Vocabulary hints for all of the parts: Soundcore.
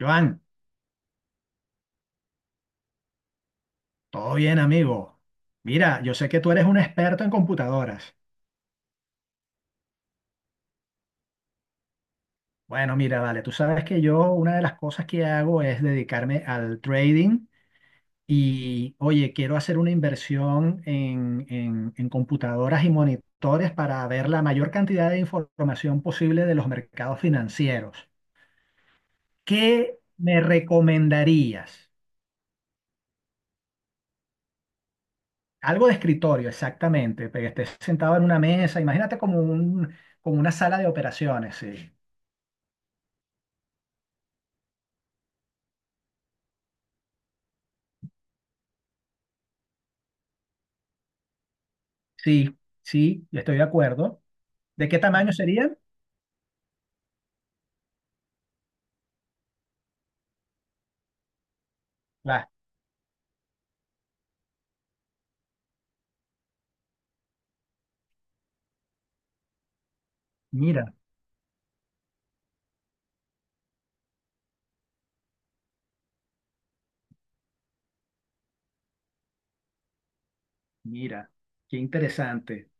Joan, todo bien, amigo. Mira, yo sé que tú eres un experto en computadoras. Bueno, mira, vale, tú sabes que yo una de las cosas que hago es dedicarme al trading y, oye, quiero hacer una inversión en computadoras y monitores para ver la mayor cantidad de información posible de los mercados financieros. ¿Qué me recomendarías? Algo de escritorio, exactamente, pero que estés sentado en una mesa, imagínate como un, como una sala de operaciones, sí. Sí, sí, yo estoy de acuerdo. ¿De qué tamaño serían? Las, mira, mira, qué interesante.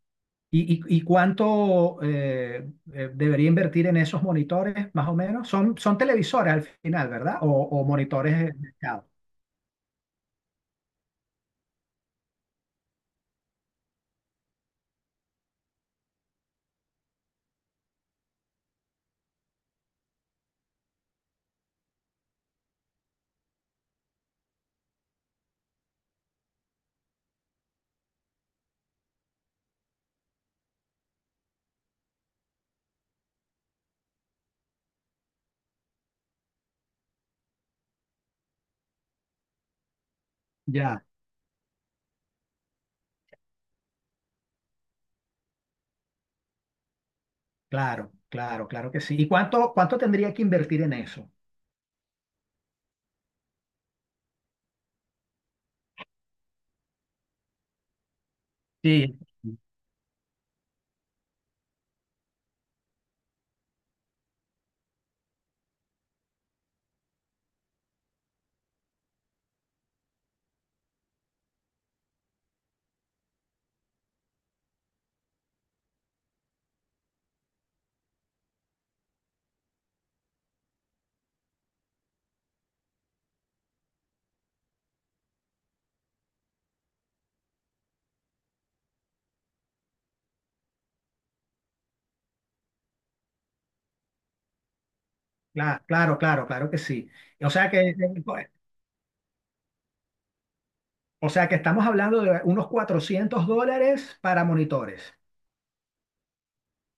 ¿Y y cuánto debería invertir en esos monitores, más o menos? Son, son televisores al final, ¿verdad? O monitores de mercado. Ya, claro, claro, claro que sí. ¿Y cuánto, cuánto tendría que invertir en eso? Sí. Claro, claro, claro, claro que sí. O sea que, o sea que estamos hablando de unos $400 para monitores.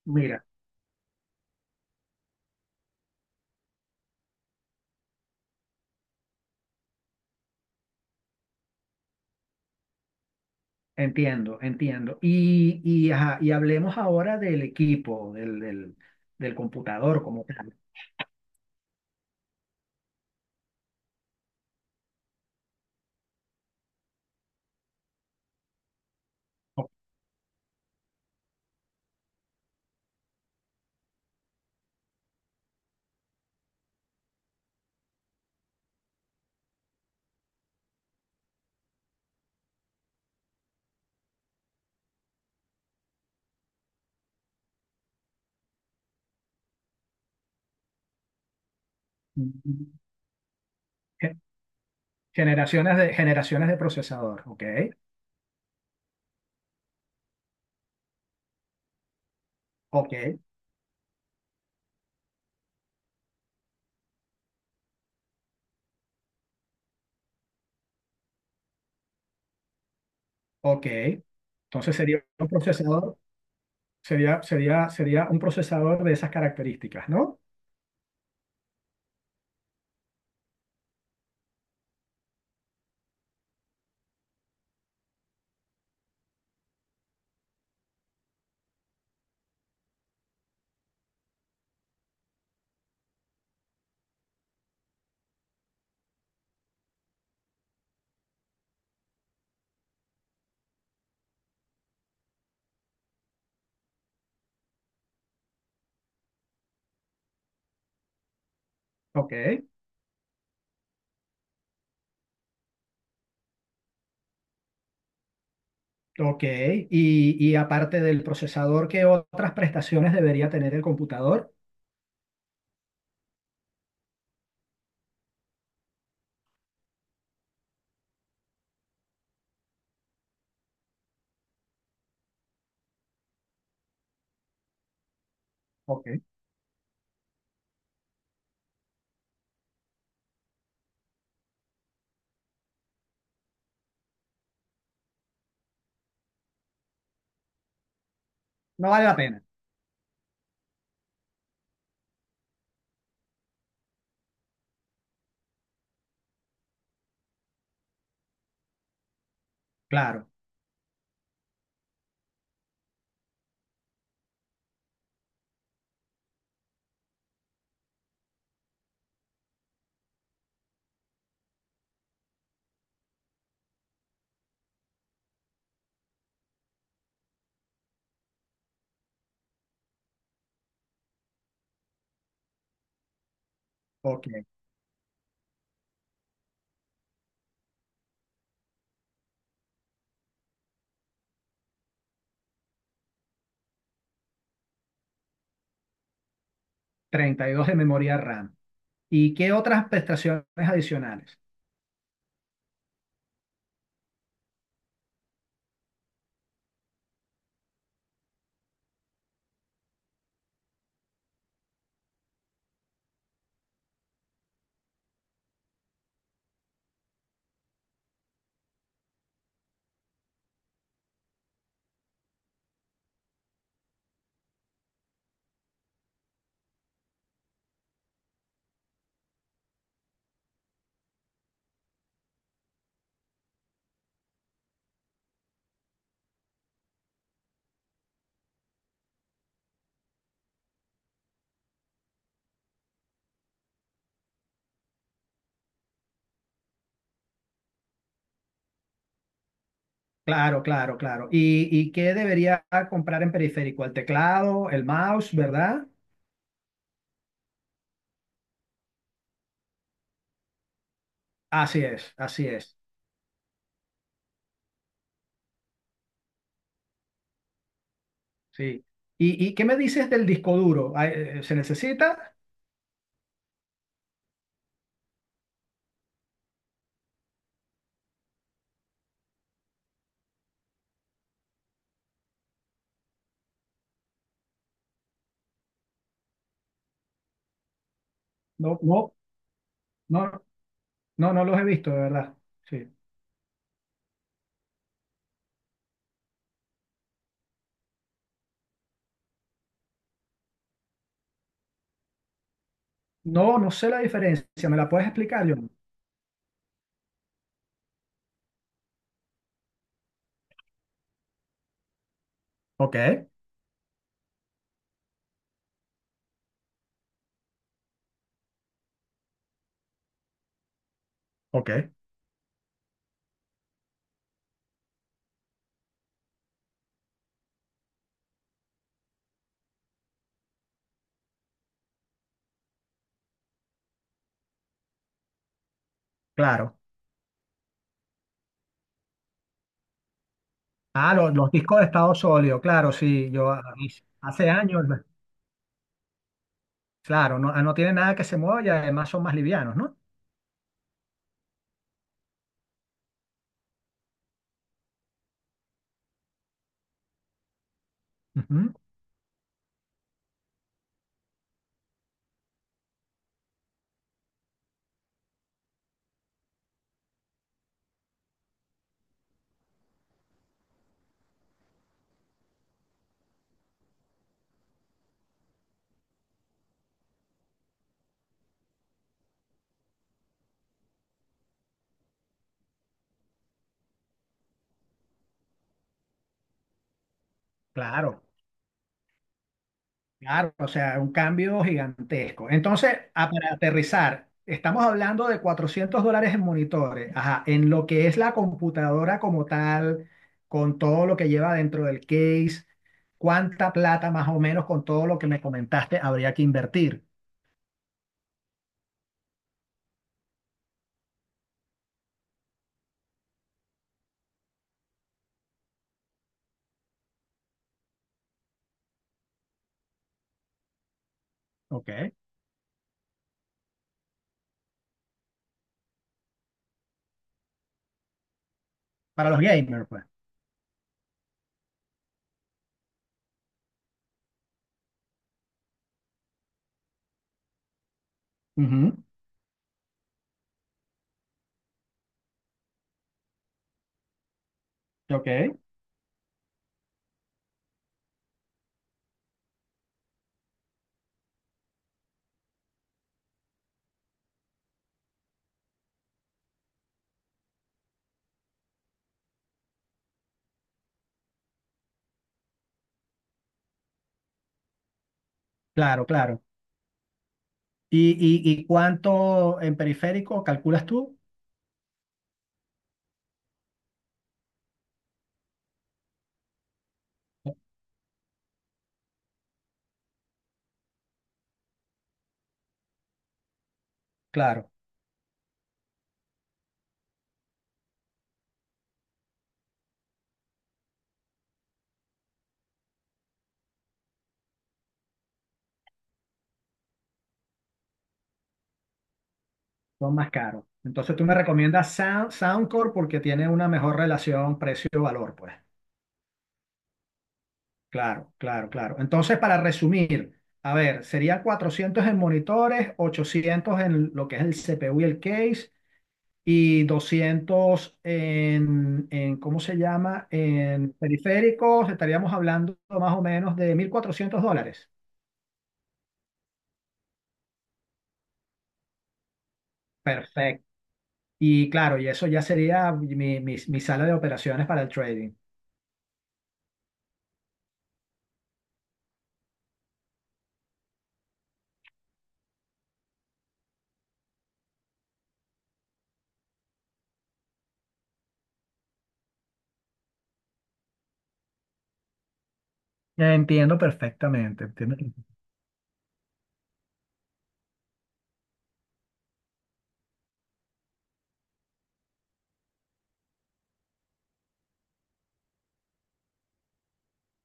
Mira. Entiendo, entiendo. Y, ajá, y hablemos ahora del equipo, del computador como tal. O- gen- generaciones de procesador, ¿ok? Ok, ok. Entonces sería un procesador, sería un procesador de esas características, ¿no? Ok, ok. Y aparte del procesador, ¿qué otras prestaciones debería tener el computador? Ok, no vale la pena. Claro, ok. 32 de memoria RAM. ¿Y qué otras prestaciones adicionales? Claro, claro, claro. Y qué debería comprar en periférico? El teclado, el mouse, ¿verdad? Así es, así es. Sí. Y qué me dices del disco duro? ¿Se necesita? No, no, no, no, no los he visto, de verdad. Sí. No, no sé la diferencia. ¿Me la puedes explicar, John? Ok, ok, claro. Ah, los discos de estado sólido, claro, sí. Hace años, claro, no, no tiene nada que se mueva y además son más livianos, ¿no? Ujú. Claro, claro, o sea, un cambio gigantesco. Entonces, ah, para aterrizar, estamos hablando de $400 en monitores, ajá, en lo que es la computadora como tal, con todo lo que lleva dentro del case, cuánta plata más o menos con todo lo que me comentaste habría que invertir, ¿ok? Para los gamers, pues. Ujú, ok, claro, claro. ¿Y, y cuánto en periférico calculas tú? Claro. Son más caros. Entonces tú me recomiendas Sound, Soundcore porque tiene una mejor relación precio-valor, pues. Claro, claro, claro. Entonces, para resumir, a ver, serían 400 en monitores, 800 en lo que es el CPU y el case, y 200 en, ¿cómo se llama? En periféricos, estaríamos hablando más o menos de $1,400. Perfecto. Y claro, y eso ya sería mi sala de operaciones para el trading. Entiendo perfectamente. Entiendo.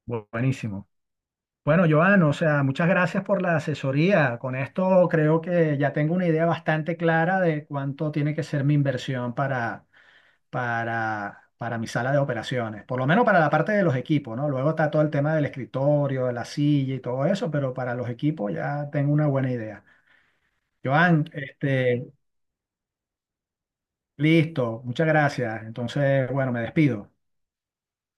Buenísimo. Bueno, Joan, o sea, muchas gracias por la asesoría. Con esto creo que ya tengo una idea bastante clara de cuánto tiene que ser mi inversión para, para mi sala de operaciones. Por lo menos para la parte de los equipos, ¿no? Luego está todo el tema del escritorio, de la silla y todo eso, pero para los equipos ya tengo una buena idea. Joan, este, listo, muchas gracias. Entonces, bueno, me despido.